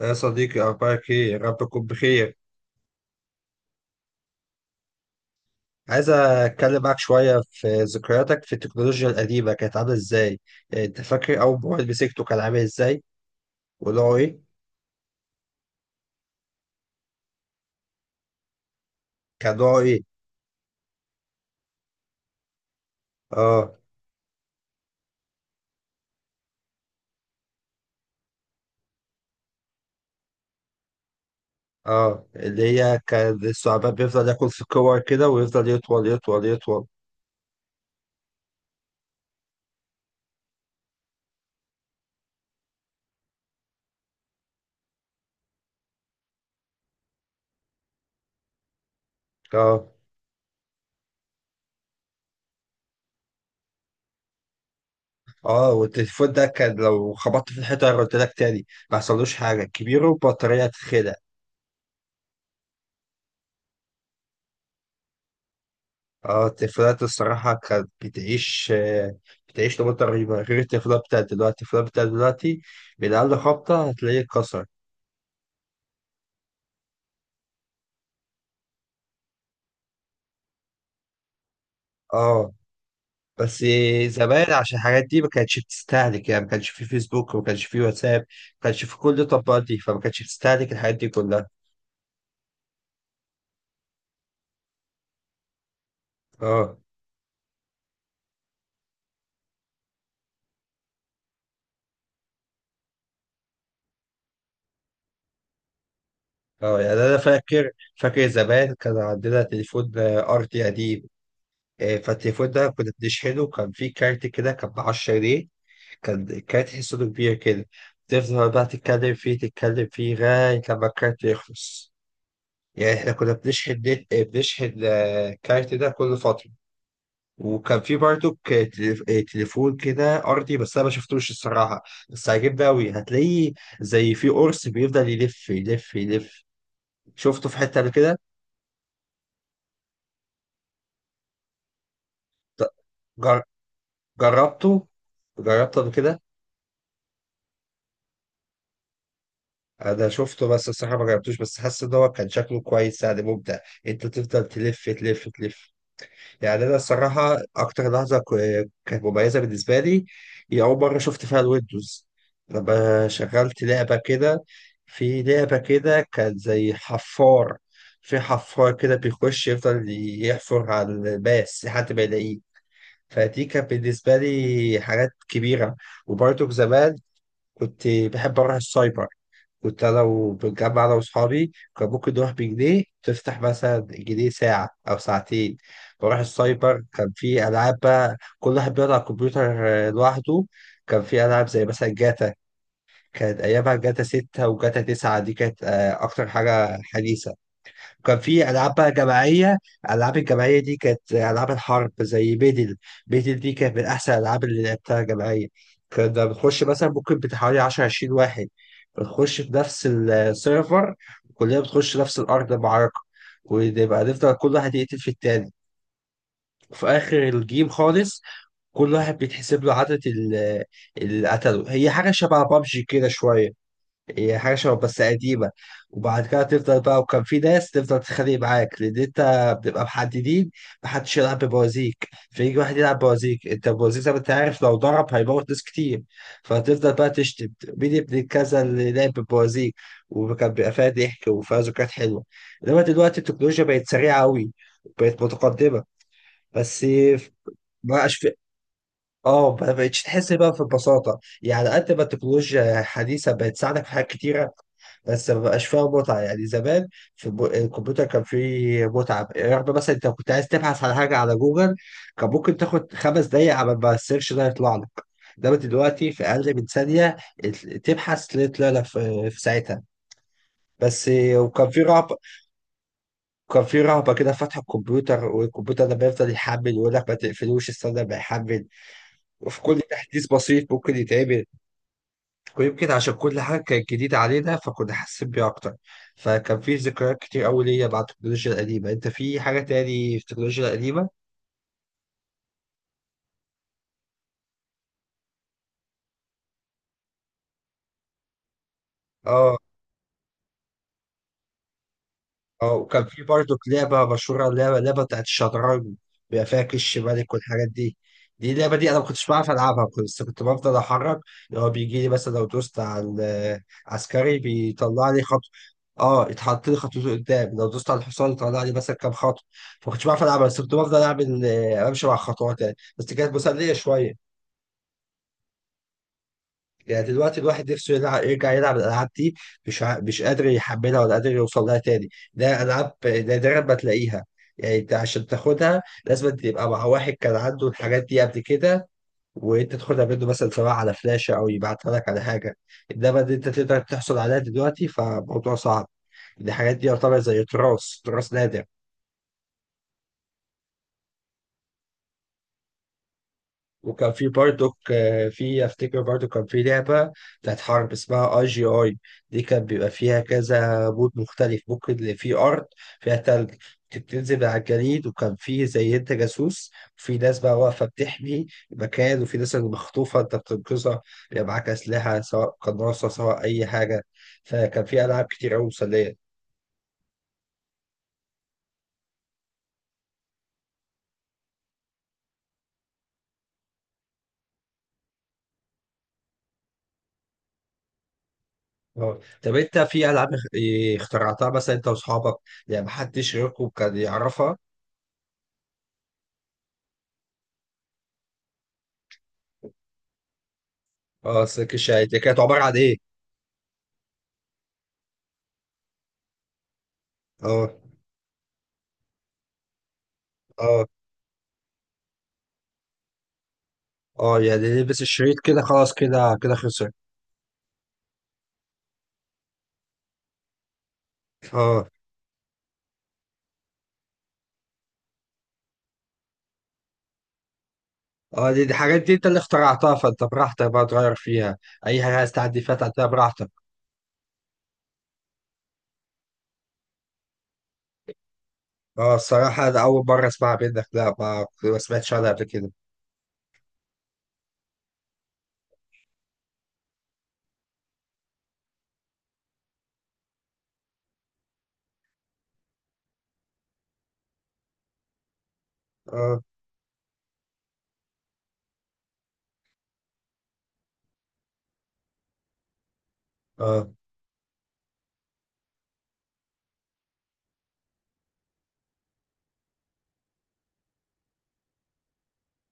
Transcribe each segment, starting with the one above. يا صديقي أخبارك إيه؟ يا رب تكون بخير، عايز أتكلم معاك شوية في ذكرياتك في التكنولوجيا القديمة. كانت عاملة إزاي؟ يعني أنت فاكر أول موبايل مسكته كان عامل إزاي؟ ونوعه إيه؟ كان نوعه إيه؟ آه. آه، اللي هي كان الثعبان بيفضل ياكل في الكور كده ويفضل يطول يطول يطول. آه. آه، والتليفون ده كان لو خبطت في الحيطة قلت لك تاني ما حصلوش حاجة، كبير وبطارية تتخلع. اه، التليفونات الصراحة كانت بتعيش، بتعيش نمط رهيبة، غير التليفونات بتاعت دلوقتي. التليفونات بتاعت دلوقتي من أقل خبطة هتلاقيه اتكسر. اه. بس زمان عشان الحاجات دي ما كانتش بتستهلك، يعني ما كانش في فيسبوك وما كانش في واتساب ما كانش في كل التطبيقات دي، فما كانتش بتستهلك الحاجات دي كلها. اه. اه، يعني أنا فاكر زمان كان عندنا تليفون أرضي قديم. آه، فالتليفون ده كنا بنشحنه، كان فيه كارت كده كان ب 10 جنيه. كانت حصته كبيرة كده. تفضل بقى تتكلم فيه تتكلم فيه لغاية لما الكارت يخلص. يعني احنا كنا بنشحن نت، بنشحن الكارت ده كل فترة. وكان في برضو تليفون كده أرضي بس أنا ما شفتوش الصراحة. بس عجبني أوي، هتلاقيه زي في قرص بيفضل يلف يلف يلف. شفته في حتة قبل كده. جر- جربته جربته قبل كده. انا شفته بس الصراحه ما جربتوش، بس حاسس ان هو كان شكله كويس يعني ممتع. انت تفضل تلف تلف تلف. يعني انا الصراحه اكتر لحظه كانت مميزه بالنسبه لي هي اول مره شفت فيها الويندوز، لما شغلت لعبه كده. في لعبه كده كان زي حفار. في حفار كده بيخش يفضل يحفر على الماس لحد ما يلاقيه. فدي كانت بالنسبه لي حاجات كبيره. وبرضه زمان كنت بحب اروح السايبر. كنت انا وبنجمع انا واصحابي، كان ممكن نروح بجنيه، تفتح مثلا جنيه ساعه او ساعتين. بروح السايبر كان في العاب، بقى كل واحد بيقعد على الكمبيوتر لوحده. كان في العاب زي مثلا جاتا. كانت ايامها جاتا 6 وجاتا 9، دي كانت اكتر حاجه حديثه. وكان في العاب بقى جماعيه. الالعاب الجماعيه دي كانت العاب الحرب زي بيدل دي كانت من احسن الالعاب اللي لعبتها جماعيه. كنا بنخش مثلا ممكن بتاع حوالي 10 20 واحد بنخش في نفس السيرفر. كلنا بتخش نفس الارض المعركه ونبقى نفضل كل واحد يقتل في التاني. وفي اخر الجيم خالص كل واحد بيتحسب له عدد اللي قتله. هي حاجه شبه بابجي كده شويه. هي حاجة شبه بس قديمة. وبعد كده تفضل بقى، وكان في ناس تفضل تتخانق معاك لأن أنت بتبقى محددين. محدش يلعب ببوازيك، فيجي واحد يلعب بوازيك. أنت البوازيك زي ما أنت عارف لو ضرب هيموت ناس كتير، فتفضل بقى تشتم مين ابن كذا اللي لعب ببوازيك. وكان بيبقى فيها ضحك وفيها ذكريات حلوة. إنما دلوقتي التكنولوجيا بقت سريعة أوي، بقت متقدمة. بس مبقاش اه ما بقتش تحس بقى في البساطة، يعني قد ما التكنولوجيا الحديثة بقت تساعدك في حاجات كتيرة بس ما بقاش فيها متعة. يعني زمان في الكمبيوتر كان فيه متعة، رغم مثلا انت كنت عايز تبحث على حاجة على جوجل كان ممكن تاخد خمس دقايق على ما السيرش ده يطلع لك، انما دلوقتي في اقل من ثانية تبحث تلاقي طلع لك في ساعتها. بس وكان في رهبة. كان في رهبة كده فتح الكمبيوتر، والكمبيوتر لما يفضل يحمل يقول لك ما تقفلوش استنى ما يحمل. وفي كل تحديث بسيط ممكن يتعمل. ويمكن عشان كل حاجة كانت جديدة علينا فكنا حاسين بيها أكتر. فكان في ذكريات كتير أوي ليا مع التكنولوجيا القديمة. أنت في حاجة تاني في التكنولوجيا القديمة؟ آه. اه، وكان في برضه لعبة مشهورة، لعبة بتاعت الشطرنج بيبقى فيها كش ملك والحاجات دي. اللعبة دي أنا ما كنتش بعرف ألعبها. بس كنت بفضل أحرك اللي هو بيجي لي. مثلا لو دوست على العسكري بيطلع لي خط، اه، يتحط لي خطوته قدام. لو دوست على الحصان يطلع لي مثلا كام خطوة. فما كنتش بعرف ألعبها، بس كنت بفضل أعمل أمشي مع خطوات يعني. بس كانت مسلية شوية. يعني دلوقتي الواحد نفسه يلعب، يرجع يلعب الالعاب دي مش قادر يحملها ولا قادر يوصل لها تاني. ده العاب نادرا ما تلاقيها. يعني انت عشان تاخدها لازم تبقى مع واحد كان عنده الحاجات دي قبل كده وانت تاخدها منه، مثلا سواء على فلاشه او يبعتها لك على حاجه. انما ان انت تقدر تحصل عليها دلوقتي فموضوع صعب. الحاجات دي يعتبر زي تراث، تراث نادر. وكان في برضك آه، في افتكر برضو كان في لعبة بتاعت حرب اسمها اي جي اي. دي كان بيبقى فيها كذا بود مختلف، ممكن اللي فيه ارض فيها تلج كنت بتنزل على الجليد، وكان فيه زي انت جاسوس وفي ناس بقى واقفة بتحمي المكان وفي ناس اللي مخطوفة انت بتنقذها. بيبقى معاك أسلحة سواء قناصة سواء أي حاجة. فكان في ألعاب كتير أوي مسلية. اه، طب انت في ألعاب اخترعتها مثلا انت واصحابك؟ يعني محدش غيركم كان يعرفها. اه، السلك الشاي دي كانت عبارة عن ايه؟ اه. اه. اه، يعني لبس الشريط كده خلاص، كده كده خسر. اه. اه، دي حاجات دي انت اللي اخترعتها فانت براحتك بقى تغير فيها. اي حاجة عايز تعدي فيها تعديها براحتك. اه، الصراحة ده أول مرة أسمعها منك، لا ما سمعتش عنها قبل كده. اه. اه،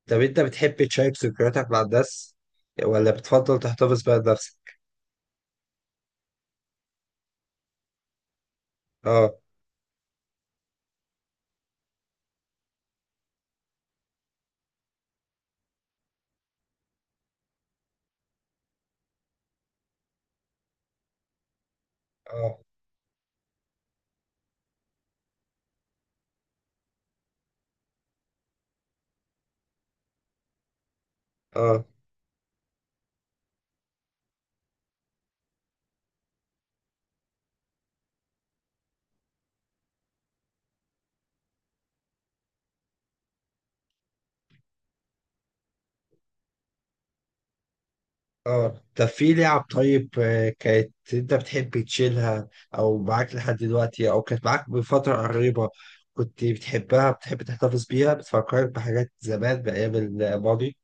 طب انت بتحب تشارك ذكرياتك مع الناس ولا بتفضل تحتفظ بيها لنفسك؟ اه. اه. اه. اه، طب في لعب طيب، كانت انت بتحب تشيلها او معاك لحد دلوقتي او كانت معاك بفترة قريبة، كنت بتحبها بتحب تحتفظ بيها، بتفكرك بحاجات زمان بأيام الماضي.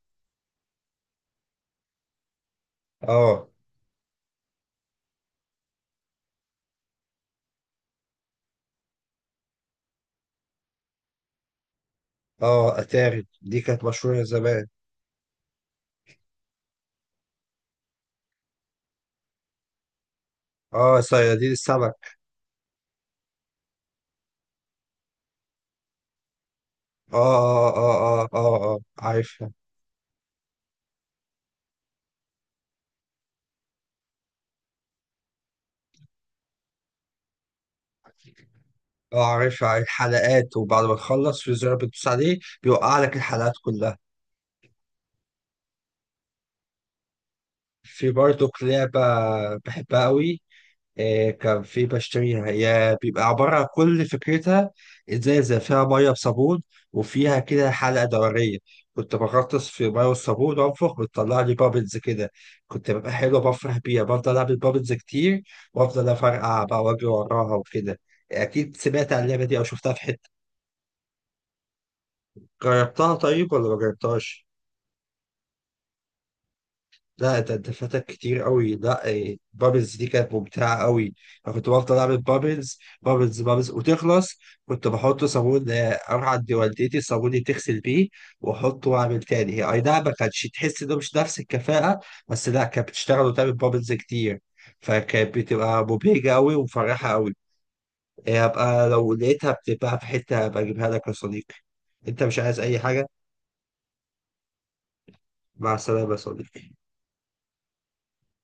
اه. اه، اتاري دي كانت مشهورة زمان. اه، صيادين السمك. اه. اه. اه. اه. اه, آه. عارفها. اه، عارفها. عارف الحلقات وبعد ما تخلص في زرار بتدوس عليه بيوقع لك الحلقات كلها. في برضو لعبة بحبها قوي. آه، كان في بشتريها، هي بيبقى عبارة عن كل فكرتها إزازة فيها مية بصابون وفيها كده حلقة دورية. كنت بغطس في مية والصابون وأنفخ، بتطلع لي بابلز كده. كنت ببقى حلو بفرح بيها، بفضل أعمل بابلز كتير وأفضل أفرقع بقى وأجري وراها وكده. أكيد سمعت عن اللعبة دي أو شفتها في حتة. جربتها طيب ولا ما جربتهاش؟ لا ده انت فاتك كتير قوي. لا إيه، بابلز دي كانت ممتعه قوي. انا كنت بفضل اعمل بابلز بابلز بابلز وتخلص. كنت بحط صابون اروح عند والدتي الصابون اللي تغسل بيه واحطه واعمل تاني، هي اي نعم ما كانتش تحس انه مش نفس الكفاءه، بس لا كانت بتشتغل وتعمل بابلز كتير. فكانت بتبقى مبهجه قوي ومفرحه قوي. إيه، هبقى لو لقيتها بتبقى في حته هبقى اجيبها لك يا صديقي. انت مش عايز اي حاجه؟ مع السلامه يا صديقي.